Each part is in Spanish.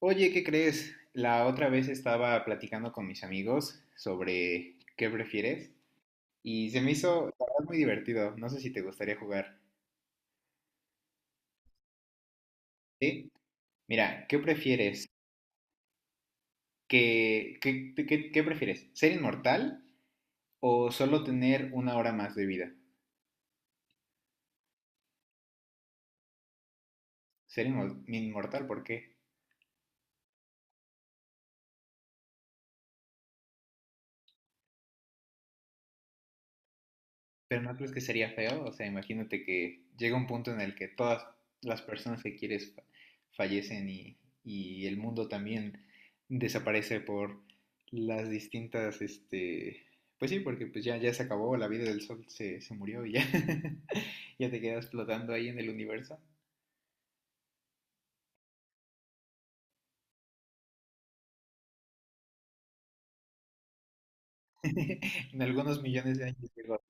Oye, ¿qué crees? La otra vez estaba platicando con mis amigos sobre qué prefieres y se me hizo, la verdad, muy divertido. No sé si te gustaría jugar. ¿Sí? Mira, ¿qué prefieres? ¿Qué prefieres? ¿Ser inmortal o solo tener una hora más de vida? Ser inmortal, ¿por qué? Pero no crees que sería feo, o sea, imagínate que llega un punto en el que todas las personas que quieres fallecen y, el mundo también desaparece por las distintas, pues sí, porque pues ya, ya se acabó, la vida del sol se murió y ya, ya te quedas flotando ahí en el universo. En algunos millones de años digo,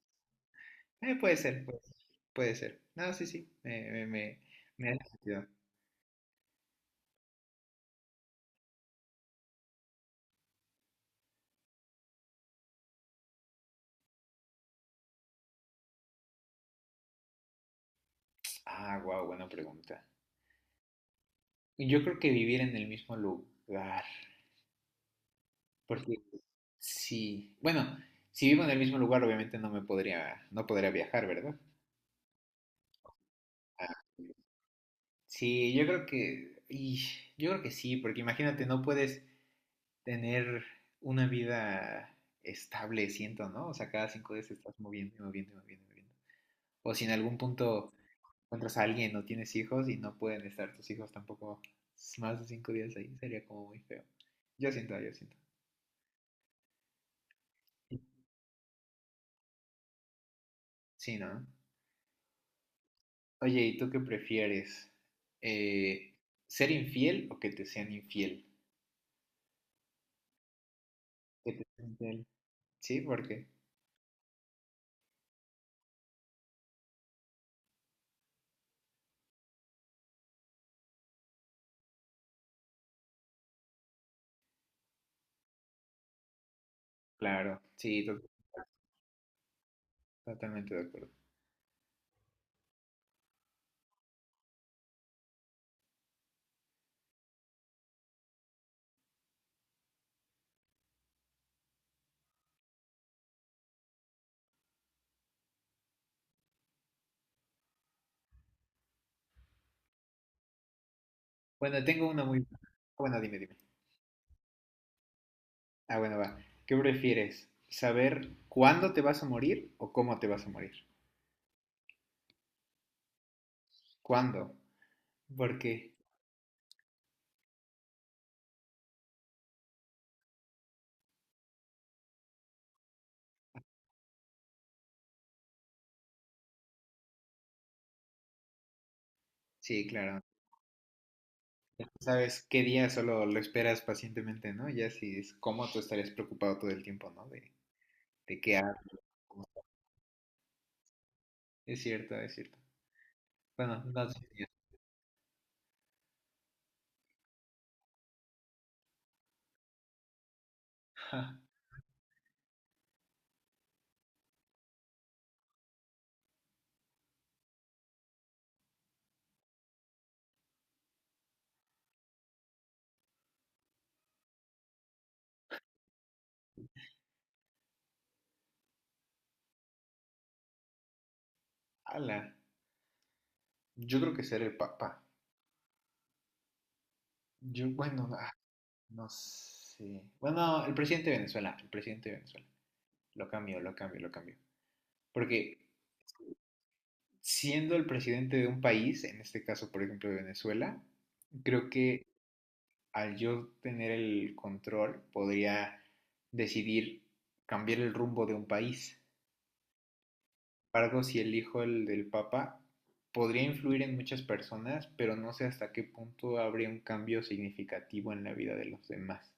Puede ser, puede ser, puede ser. No, sí, sí, me hace sentido." Ah, wow, buena pregunta. Yo creo que vivir en el mismo lugar, porque sí, bueno, si vivo en el mismo lugar, obviamente no podría viajar, ¿verdad? Ah, sí, yo creo que sí, porque imagínate, no puedes tener una vida estable, siento, ¿no? O sea, cada 5 días te estás moviendo y moviendo y moviendo y moviendo. O si en algún punto encuentras a alguien o tienes hijos y no pueden estar tus hijos tampoco más de 5 días ahí, sería como muy feo. Yo siento, yo siento. Sí, ¿no? Oye, ¿y tú qué prefieres? Eh, ¿Ser infiel o que te sean infiel? Que te sean infiel. Sí, porque, claro, sí, totalmente de acuerdo. Bueno, tengo una muy buena. Bueno, dime, dime. Ah, bueno, va. ¿Qué prefieres? ¿Saber cuándo te vas a morir o cómo te vas a morir? ¿Cuándo? Porque, sí, claro. Sabes qué día solo lo esperas pacientemente, ¿no? Ya si es cómo tú estarías preocupado todo el tiempo, ¿no? De qué hago. Es cierto, es cierto. Bueno, no sé. Ja, ala, yo creo que ser el papa. Yo, bueno, ah, no sé. Bueno, el presidente de Venezuela, el presidente de Venezuela. Lo cambio, lo cambio, lo cambio. Porque siendo el presidente de un país, en este caso, por ejemplo, de Venezuela, creo que al yo tener el control podría decidir cambiar el rumbo de un país. Embargo, si elijo el del Papa, podría influir en muchas personas, pero no sé hasta qué punto habría un cambio significativo en la vida de los demás.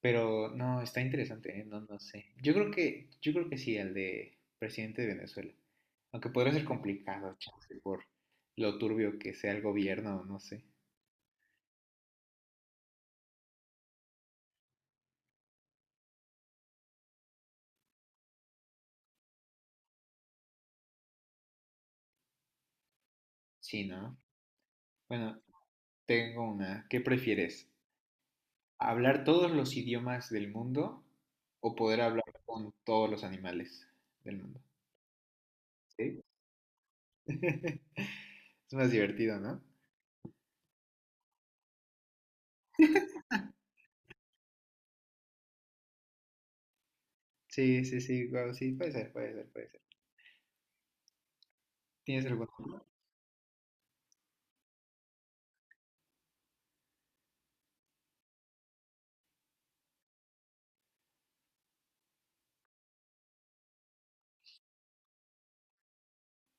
Pero no, está interesante, ¿eh? No, no sé. Yo creo que sí, el de presidente de Venezuela. Aunque podría ser complicado, chance, por lo turbio que sea el gobierno, no sé. Sí, ¿no? Bueno, tengo una. ¿Qué prefieres? ¿Hablar todos los idiomas del mundo o poder hablar con todos los animales del mundo? ¿Sí? Es más divertido, ¿no? Sí, sí, sí, guau, sí, puede ser, puede ser, puede ser. ¿Tienes algún otro?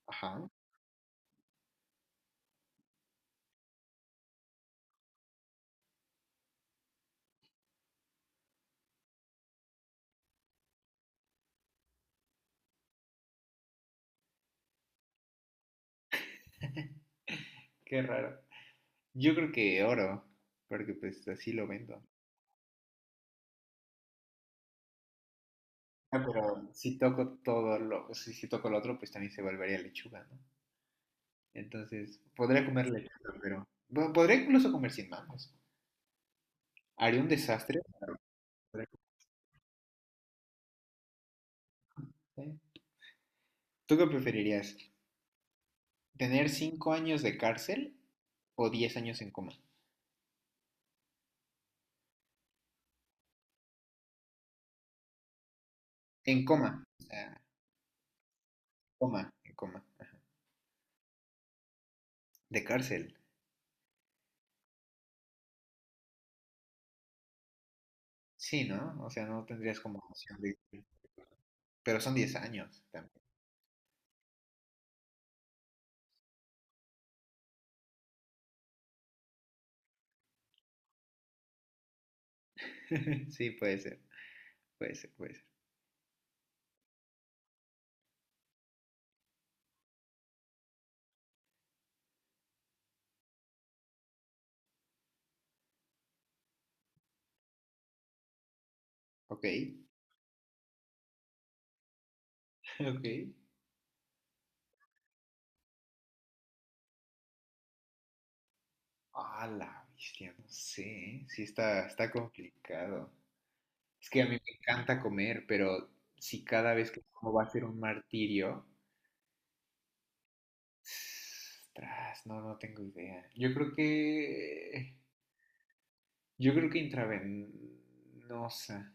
Ajá, qué raro. Yo creo que oro, porque pues así lo vendo. Ah, pero si toco todo lo, si toco lo otro, pues también se volvería lechuga, ¿no? Entonces, podría comer lechuga, pero bueno, podría incluso comer sin manos. Haría un desastre. Podría comer. ¿Tú qué preferirías? ¿Tener 5 años de cárcel o 10 años en coma? En coma, o sea, coma, en coma, de cárcel. Sí, ¿no? O sea, no tendrías como opción de. Pero son 10 años también. Sí, puede ser, puede ser, puede ser. Ok, ok. Ah, la bestia, no sé. ¿Eh? Sí, está complicado. Es que a mí me encanta comer, pero si cada vez que como va a ser un martirio, tras, no, no tengo idea. Yo creo que intravenosa.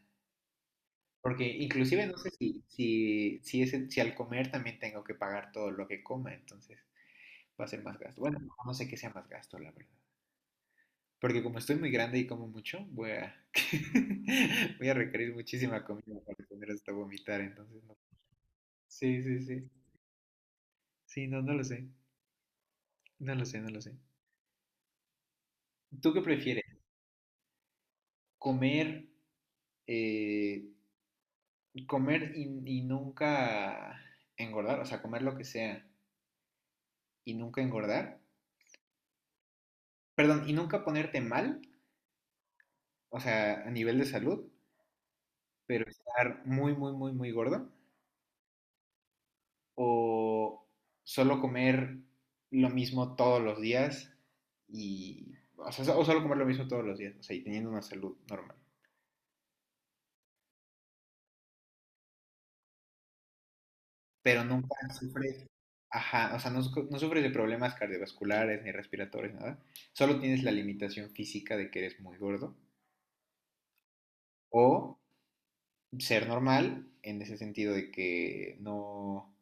Porque inclusive no sé si al comer también tengo que pagar todo lo que coma, entonces va a ser más gasto. Bueno, no sé qué sea más gasto, la verdad. Porque como estoy muy grande y como mucho, voy a, voy a requerir muchísima comida para tener hasta vomitar, entonces no. Sí, sí, sí. Sí, no, no lo sé. No lo sé, no lo sé. ¿Tú qué prefieres? ¿Comer, eh, comer y nunca engordar? O sea, comer lo que sea y nunca engordar. Perdón, ¿y nunca ponerte mal? O sea, a nivel de salud, pero estar muy, muy, muy, muy gordo, o solo comer lo mismo todos los días y, o, sea, o solo comer lo mismo todos los días, o sea, y teniendo una salud normal, pero nunca sufres, ajá, o sea, no, no sufres de problemas cardiovasculares ni respiratorios, nada, solo tienes la limitación física de que eres muy gordo, o ser normal en ese sentido de que no,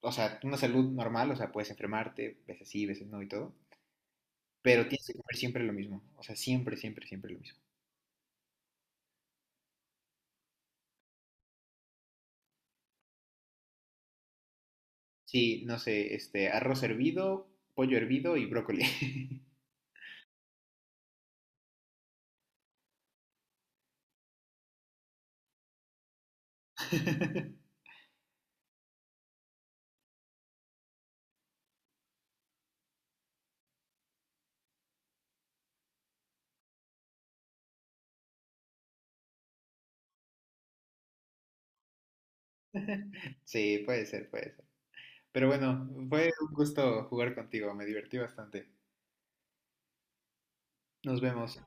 o sea, una salud normal, o sea, puedes enfermarte, veces sí, veces no y todo, pero tienes que comer siempre lo mismo. O sea, siempre, siempre, siempre lo mismo. Sí, no sé, este, arroz hervido, pollo hervido y brócoli. Sí, puede ser, puede ser. Pero bueno, fue un gusto jugar contigo, me divertí bastante. Nos vemos.